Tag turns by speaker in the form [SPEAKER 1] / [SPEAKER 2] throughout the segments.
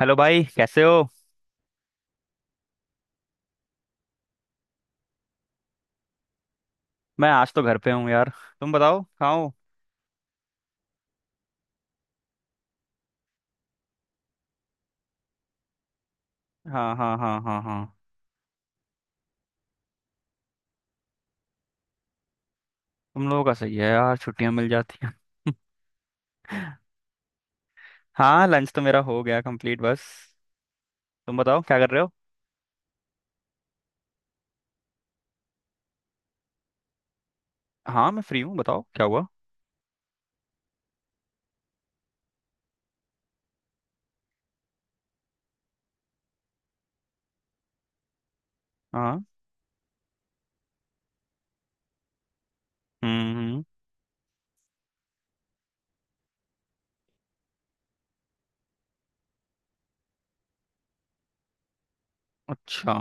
[SPEAKER 1] Hello भाई कैसे हो। मैं आज तो घर पे हूँ यार। तुम बताओ कहाँ हो। हाँ हाँ हाँ हाँ हाँ। तुम लोगों का सही है यार, छुट्टियां मिल जाती हैं। हाँ लंच तो मेरा हो गया कंप्लीट। बस तुम बताओ क्या कर रहे हो। हाँ मैं फ्री हूँ, बताओ क्या हुआ। हाँ। हम्म। अच्छा।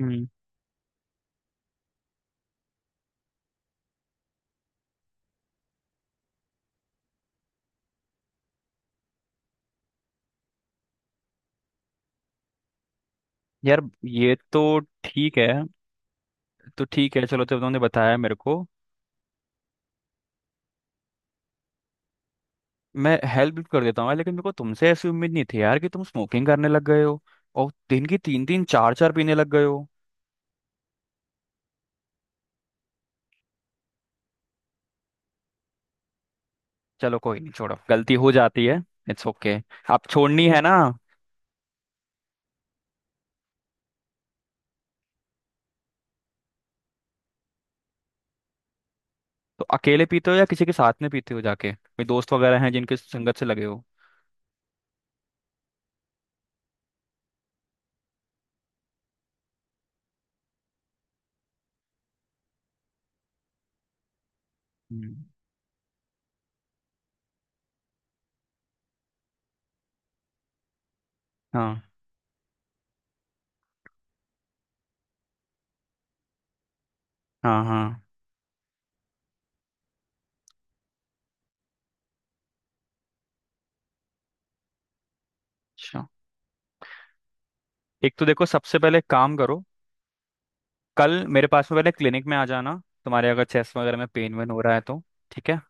[SPEAKER 1] हम्म। यार ये तो ठीक है। तो ठीक है, चलो जब तुमने बताया मेरे को मैं हेल्प कर देता हूँ, लेकिन मेरे को तुमसे ऐसी उम्मीद नहीं थी यार कि तुम स्मोकिंग करने लग गए हो। और दिन की तीन तीन चार चार पीने लग गए हो। चलो कोई नहीं, छोड़ो, गलती हो जाती है। It's okay. आप छोड़नी है ना। तो अकेले पीते हो या किसी के साथ में पीते हो जाके? कोई दोस्त वगैरह हैं जिनके संगत से लगे हो? हम्म। हाँ हाँ हाँ। अच्छा। एक तो देखो सबसे पहले एक काम करो, कल मेरे पास में पहले क्लिनिक में आ जाना। तुम्हारे अगर चेस्ट वगैरह में पेन वेन हो रहा है तो ठीक है।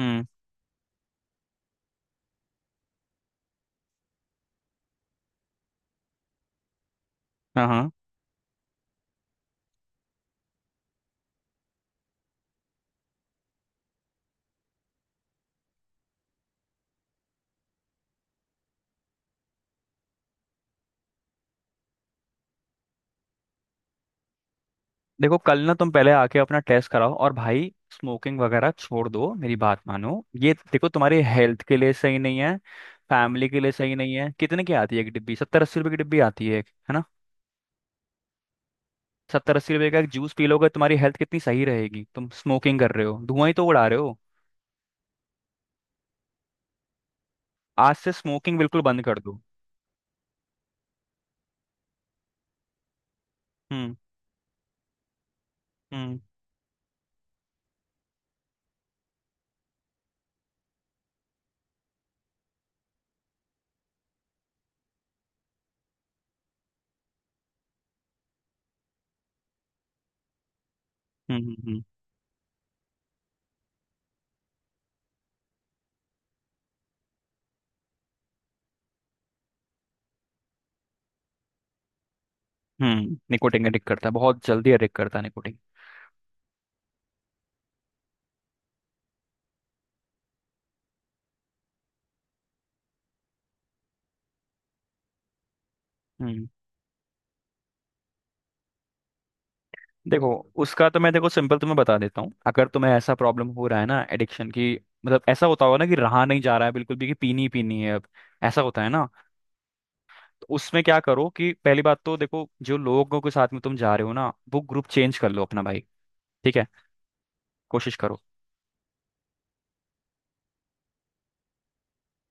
[SPEAKER 1] हम्म। हाँ हाँ। देखो कल ना तुम पहले आके अपना टेस्ट कराओ, और भाई स्मोकिंग वगैरह छोड़ दो मेरी बात मानो। ये देखो तुम्हारी हेल्थ के लिए सही नहीं है, फैमिली के लिए सही नहीं है। कितने की आती है एक डिब्बी? सत्तर अस्सी रुपए की डिब्बी आती है एक, है ना। सत्तर अस्सी रुपए का एक जूस पी लोगे तुम्हारी हेल्थ कितनी सही रहेगी। तुम स्मोकिंग कर रहे हो, धुआं ही तो उड़ा रहे हो। आज से स्मोकिंग बिल्कुल बंद कर दो। हम्म हम्म हम्म। हम्म। निकोटिन अडिक्ट करता है, बहुत जल्दी अडिक्ट करता है निकोटिन। देखो उसका तो मैं देखो सिंपल तुम्हें बता देता हूँ। अगर तुम्हें ऐसा प्रॉब्लम हो रहा है ना एडिक्शन की, मतलब ऐसा होता होगा ना कि रहा नहीं जा रहा है बिल्कुल भी कि पीनी ही पीनी है अब, ऐसा होता है ना। तो उसमें क्या करो कि पहली बात तो देखो जो लोगों के साथ में तुम जा रहे हो ना, वो ग्रुप चेंज कर लो अपना भाई। ठीक है, कोशिश करो।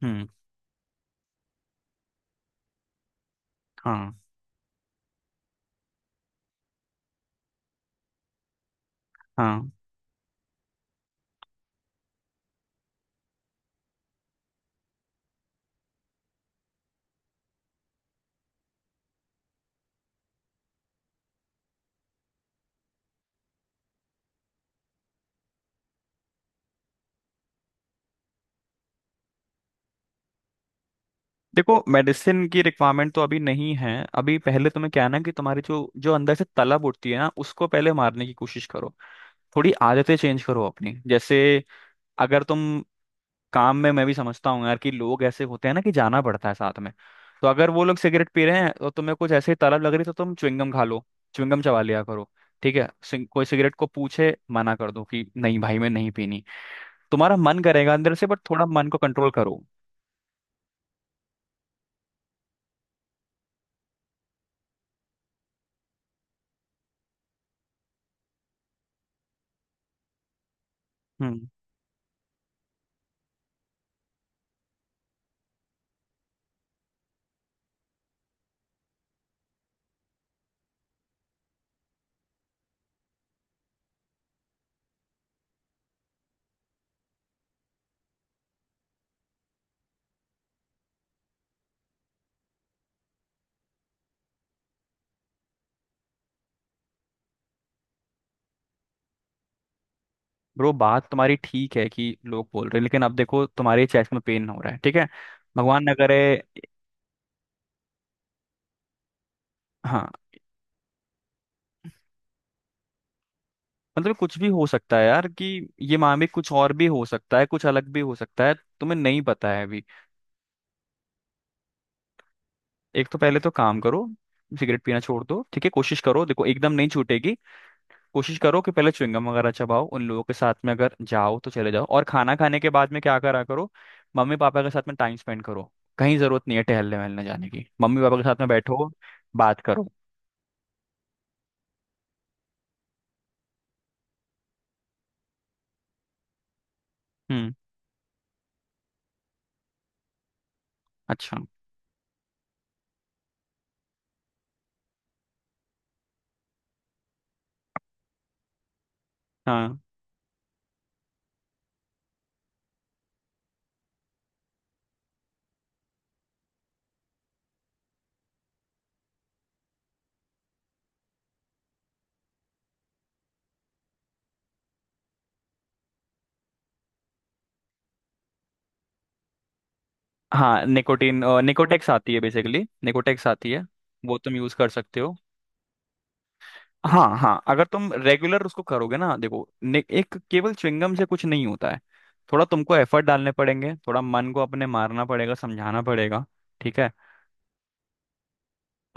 [SPEAKER 1] हम्म। हाँ हाँ। देखो मेडिसिन की रिक्वायरमेंट तो अभी नहीं है। अभी पहले तुम्हें क्या है ना कि तुम्हारी जो जो अंदर से तलब उठती है ना उसको पहले मारने की कोशिश करो। थोड़ी आदतें चेंज करो अपनी। जैसे अगर तुम काम में, मैं भी समझता हूँ यार कि लोग ऐसे होते हैं ना कि जाना पड़ता है साथ में, तो अगर वो लोग सिगरेट पी रहे हैं और तुम्हें कुछ ऐसे ही तलब लग रही है तो तुम च्युइंगम खा लो, च्युइंगम चबा लिया करो। ठीक है, कोई सिगरेट को पूछे मना कर दो कि नहीं भाई मैं नहीं पीनी। तुम्हारा मन करेगा अंदर से, बट थोड़ा मन को कंट्रोल करो। हम्म। ब्रो बात तुम्हारी ठीक है कि लोग बोल रहे हैं, लेकिन अब देखो तुम्हारे चेस्ट में पेन हो रहा है ठीक है। भगवान न करे। हाँ। मतलब कुछ भी हो सकता है यार कि ये मामले कुछ और भी हो सकता है, कुछ अलग भी हो सकता है। तुम्हें नहीं पता है अभी। एक तो पहले तो काम करो, सिगरेट पीना छोड़ दो। ठीक है कोशिश करो, देखो एकदम नहीं छूटेगी। कोशिश करो कि पहले च्युइंगम वगैरह चबाओ, उन लोगों के साथ में अगर जाओ तो चले जाओ, और खाना खाने के बाद में क्या करा करो, मम्मी पापा के साथ में टाइम स्पेंड करो। कहीं जरूरत नहीं है टहलने वहलने जाने की, मम्मी पापा के साथ में बैठो बात करो। हम्म। अच्छा। हाँ हाँ निकोटीन निकोटेक्स आती है, बेसिकली निकोटेक्स आती है, वो तुम यूज कर सकते हो। हाँ हाँ अगर तुम रेगुलर उसको करोगे ना। देखो एक केवल च्युइंगम से कुछ नहीं होता है, थोड़ा तुमको एफर्ट डालने पड़ेंगे, थोड़ा मन को अपने मारना पड़ेगा, समझाना पड़ेगा। ठीक है?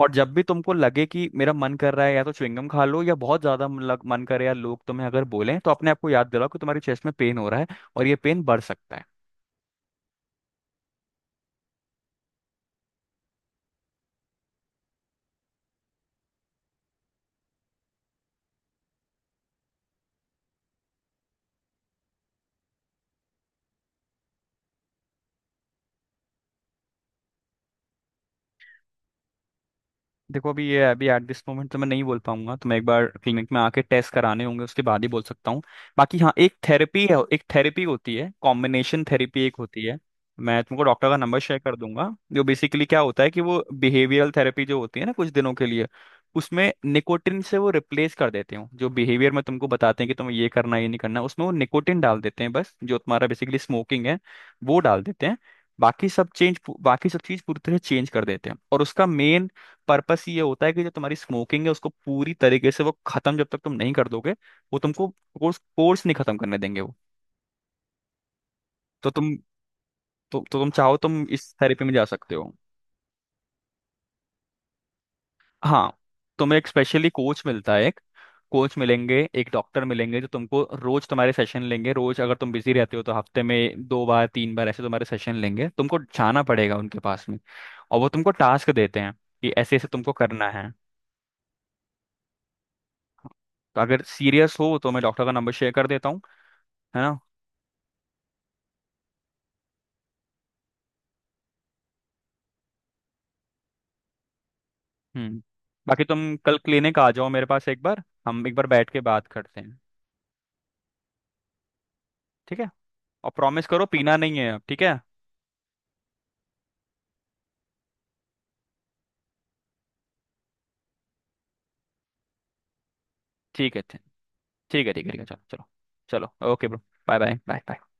[SPEAKER 1] और जब भी तुमको लगे कि मेरा मन कर रहा है या तो च्युइंगम खा लो, या बहुत ज्यादा मन करे या लोग तुम्हें अगर बोलें तो अपने आप को याद दिलाओ कि तुम्हारी चेस्ट में पेन हो रहा है, और ये पेन बढ़ सकता है। देखो अभी ये अभी एट दिस मोमेंट तो मैं नहीं बोल पाऊंगा, तो मैं एक बार क्लिनिक में आके टेस्ट कराने होंगे उसके बाद ही बोल सकता हूँ। बाकी हाँ एक थेरेपी है, एक थेरेपी होती है कॉम्बिनेशन थेरेपी एक होती है। मैं तुमको डॉक्टर का नंबर शेयर कर दूंगा, जो बेसिकली क्या होता है कि वो बिहेवियरल थेरेपी जो होती है ना, कुछ दिनों के लिए उसमें निकोटिन से वो रिप्लेस कर देते हो, जो बिहेवियर में तुमको बताते हैं कि तुम्हें ये करना ये नहीं करना, उसमें वो निकोटिन डाल देते हैं बस, जो तुम्हारा बेसिकली स्मोकिंग है वो डाल देते हैं। बाकी सब चेंज, बाकी सब चीज पूरी तरह चेंज कर देते हैं, और उसका मेन पर्पस ये होता है कि जो तुम्हारी स्मोकिंग है उसको पूरी तरीके से वो खत्म जब तक तुम नहीं कर दोगे, वो तुमको कोर्स कोर्स नहीं खत्म करने देंगे वो। तो तुम, तो तुम चाहो तुम इस थेरेपी में जा सकते हो। हाँ तुम्हें एक स्पेशली कोच मिलता है, एक कोच मिलेंगे, एक डॉक्टर मिलेंगे, जो तुमको रोज तुम्हारे सेशन लेंगे रोज, अगर तुम बिजी रहते हो तो हफ्ते में दो बार तीन बार ऐसे तुम्हारे सेशन लेंगे, तुमको जाना पड़ेगा उनके पास में। और वो तुमको टास्क देते हैं कि ऐसे ऐसे तुमको करना है। तो अगर सीरियस हो तो मैं डॉक्टर का नंबर शेयर कर देता हूँ, है ना। हम्म। बाकी तुम कल क्लिनिक आ जाओ मेरे पास, एक बार हम एक बार बैठ के बात करते हैं। ठीक है और प्रॉमिस करो पीना नहीं है अब ठीक है। ठीक है ठीक है। ठीक है। चलो चलो, चलो okay bro. Bye bye bye.